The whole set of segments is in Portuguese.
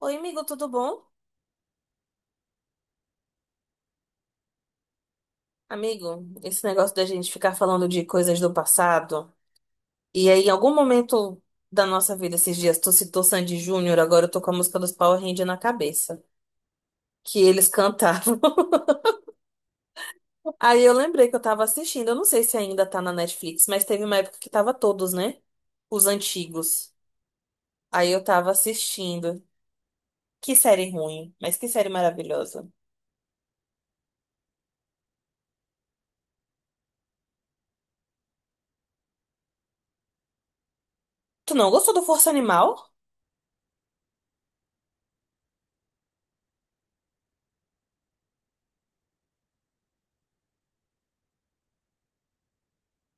Oi, amigo, tudo bom? Amigo, esse negócio da gente ficar falando de coisas do passado, e aí em algum momento da nossa vida esses dias, tu citou Sandy Júnior, agora eu tô com a música dos Power Rangers na cabeça, que eles cantavam. Aí eu lembrei que eu tava assistindo, eu não sei se ainda tá na Netflix, mas teve uma época que tava todos, né? Os antigos. Aí eu tava assistindo. Que série ruim, mas que série maravilhosa. Tu não gostou do Força Animal?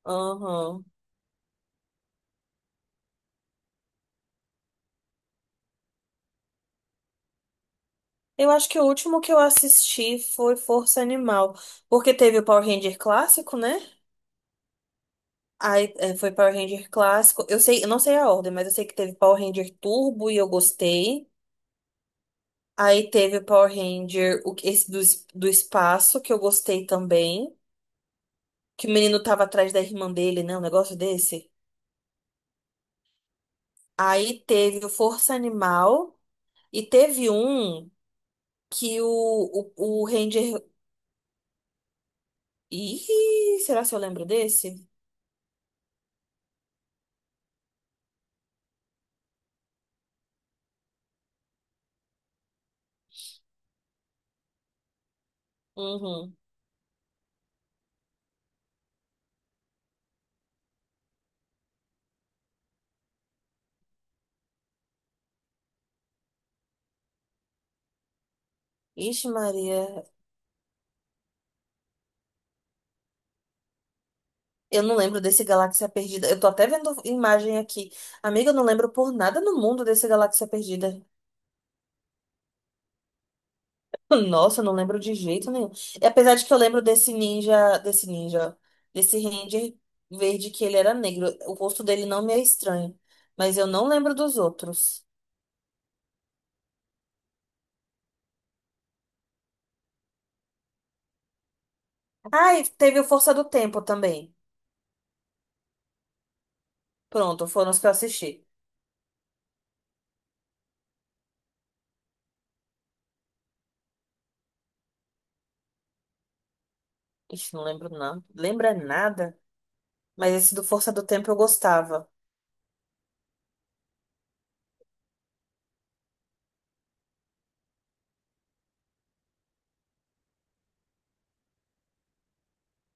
Aham. Eu acho que o último que eu assisti foi Força Animal, porque teve o Power Ranger clássico, né? Aí é, foi Power Ranger clássico. Eu sei, eu não sei a ordem, mas eu sei que teve Power Ranger Turbo e eu gostei. Aí teve o Power Ranger, o, esse do, do espaço, que eu gostei também. Que o menino tava atrás da irmã dele, né? Um negócio desse. Aí teve o Força Animal. E teve um que o Ranger. Ih, será que eu lembro desse? Uhum. Ixi, Maria. Eu não lembro desse Galáxia Perdida. Eu tô até vendo imagem aqui. Amiga, eu não lembro por nada no mundo desse Galáxia Perdida. Nossa, eu não lembro de jeito nenhum. E apesar de que eu lembro desse ninja, ó, desse Ranger verde que ele era negro. O rosto dele não me é estranho, mas eu não lembro dos outros. Ah, e teve o Força do Tempo também. Pronto, foram os que eu assisti. Ixi, não lembro não. Lembra nada? Mas esse do Força do Tempo eu gostava.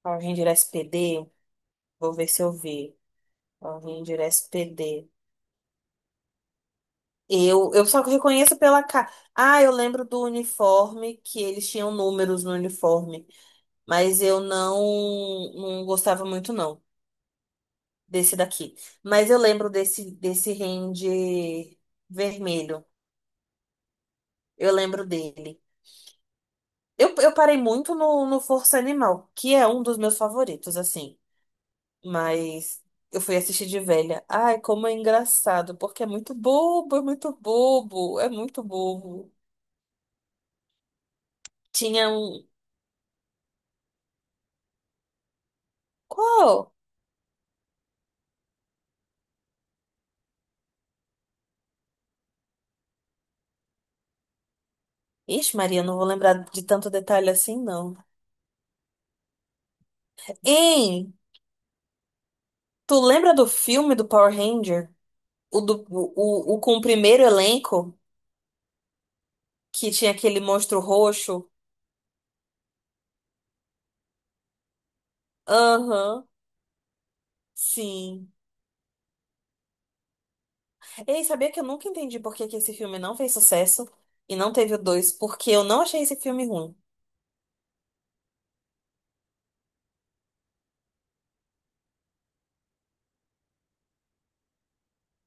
Ah, o Ranger SPD, vou ver se eu vi. Ranger SPD. Eu só reconheço pela cara. Ah, eu lembro do uniforme, que eles tinham números no uniforme. Mas eu não, não gostava muito, não, desse daqui. Mas eu lembro desse, desse Ranger vermelho. Eu lembro dele. Eu parei muito no, no Força Animal, que é um dos meus favoritos, assim. Mas eu fui assistir de velha. Ai, como é engraçado, porque é muito bobo, é muito bobo, é muito bobo. Tinha um. Qual? Ixi, Maria, não vou lembrar de tanto detalhe assim, não. Hein? Tu lembra do filme do Power Ranger? O com o primeiro elenco? Que tinha aquele monstro roxo? Aham, sim. Ei, sabia que eu nunca entendi por que que esse filme não fez sucesso e não teve o dois? Porque eu não achei esse filme ruim.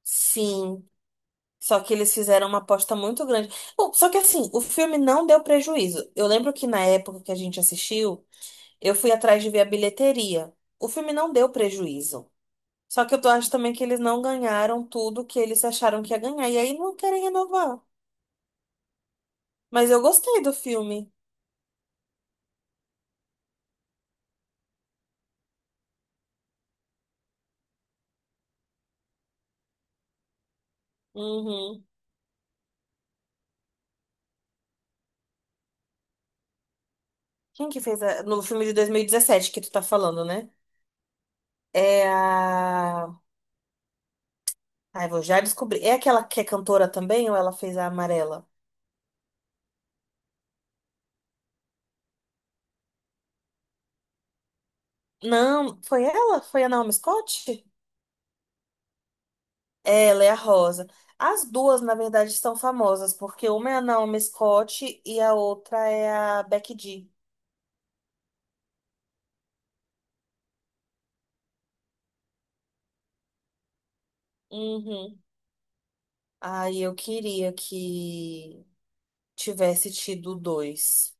Sim. Só que eles fizeram uma aposta muito grande. Bom, só que assim, o filme não deu prejuízo. Eu lembro que na época que a gente assistiu. Eu fui atrás de ver a bilheteria. O filme não deu prejuízo. Só que eu tô- Acho também que eles não ganharam tudo que eles acharam que ia ganhar. E aí não querem renovar. Mas eu gostei do filme. Uhum. Quem que fez a... no filme de 2017 que tu tá falando, né? É a. Ai, vou já descobrir. É aquela que é cantora também ou ela fez a amarela? Não, foi ela? Foi a Naomi Scott? Ela é a Rosa. As duas, na verdade, são famosas, porque uma é a Naomi Scott e a outra é a Becky G. Uhum. Ai, eu queria que tivesse tido dois.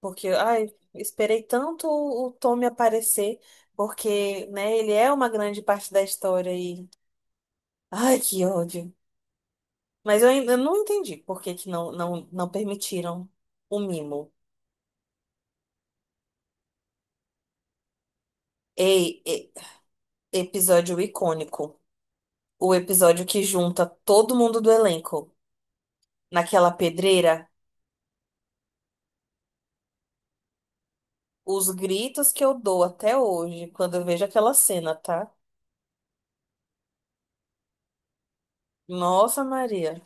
Porque, ai, esperei tanto o Tommy aparecer, porque, né, ele é uma grande parte da história e. Ai, que ódio. Mas eu ainda não entendi por que que não permitiram o mimo. Ei, e- Episódio icônico. O episódio que junta todo mundo do elenco naquela pedreira. Os gritos que eu dou até hoje quando eu vejo aquela cena, tá? Nossa, Maria.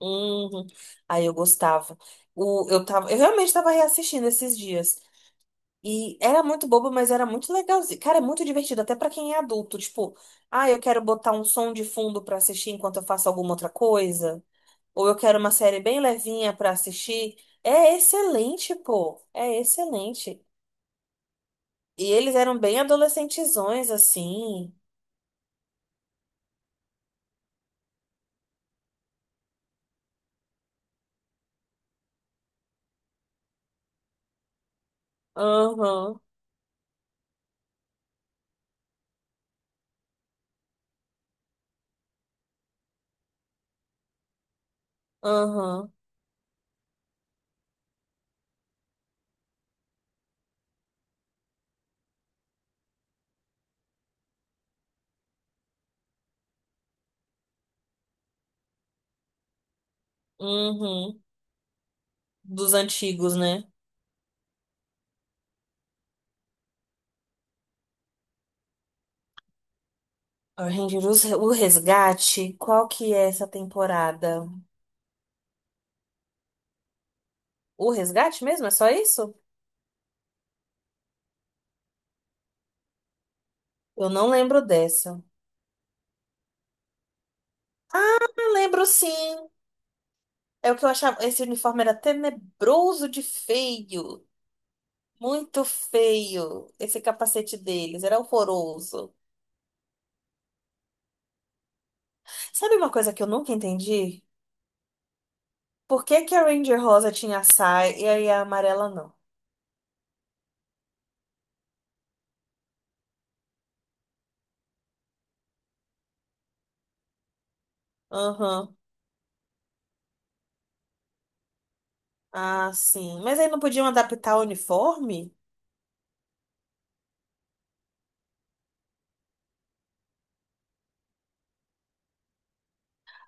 Uhum. Aí eu gostava. Eu realmente tava reassistindo esses dias. E era muito bobo, mas era muito legalzinho. Cara, é muito divertido, até pra quem é adulto. Tipo, ah, eu quero botar um som de fundo pra assistir enquanto eu faço alguma outra coisa. Ou eu quero uma série bem levinha pra assistir. É excelente, pô. É excelente. E eles eram bem adolescentezões, assim. Aham, aham, uhum, dos antigos, né? Ranger, o resgate, qual que é essa temporada? O resgate mesmo? É só isso? Eu não lembro dessa. Ah, lembro sim. É o que eu achava. Esse uniforme era tenebroso de feio. Muito feio. Esse capacete deles era horroroso. Sabe uma coisa que eu nunca entendi? Por que que a Ranger Rosa tinha a saia e aí a amarela não? Aham. Ah, sim. Mas aí não podiam adaptar o uniforme?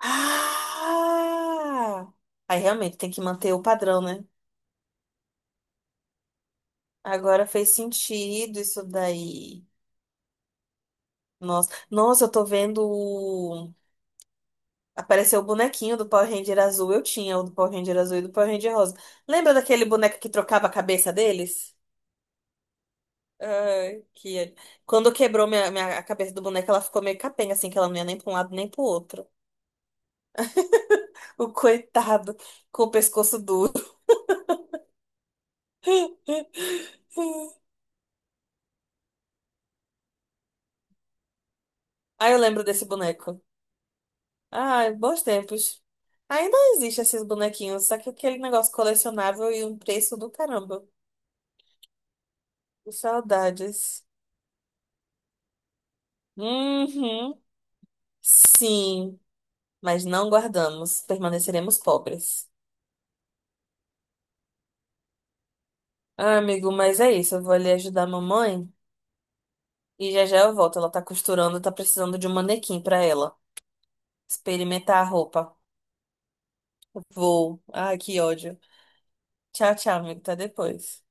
Ah! Aí realmente tem que manter o padrão, né? Agora fez sentido isso daí. Nossa, nossa, eu tô vendo. O- Apareceu o bonequinho do Power Ranger azul. Eu tinha o do Power Ranger azul e do Power Ranger rosa. Lembra daquele boneco que trocava a cabeça deles? Ai, que... Quando quebrou a cabeça do boneco, ela ficou meio capenga, assim, que ela não ia nem pra um lado nem pro outro. O coitado com o pescoço duro. Aí eu lembro desse boneco. Ai, bons tempos. Ainda existe esses bonequinhos, só que aquele negócio colecionável e um preço do caramba. Saudades. Uhum. Sim, mas não guardamos, permaneceremos pobres. Ah, amigo, mas é isso. Eu vou ali ajudar a mamãe e já já eu volto. Ela tá costurando, tá precisando de um manequim pra ela experimentar a roupa. Vou. Ai, que ódio. Tchau, tchau, amigo. Até depois.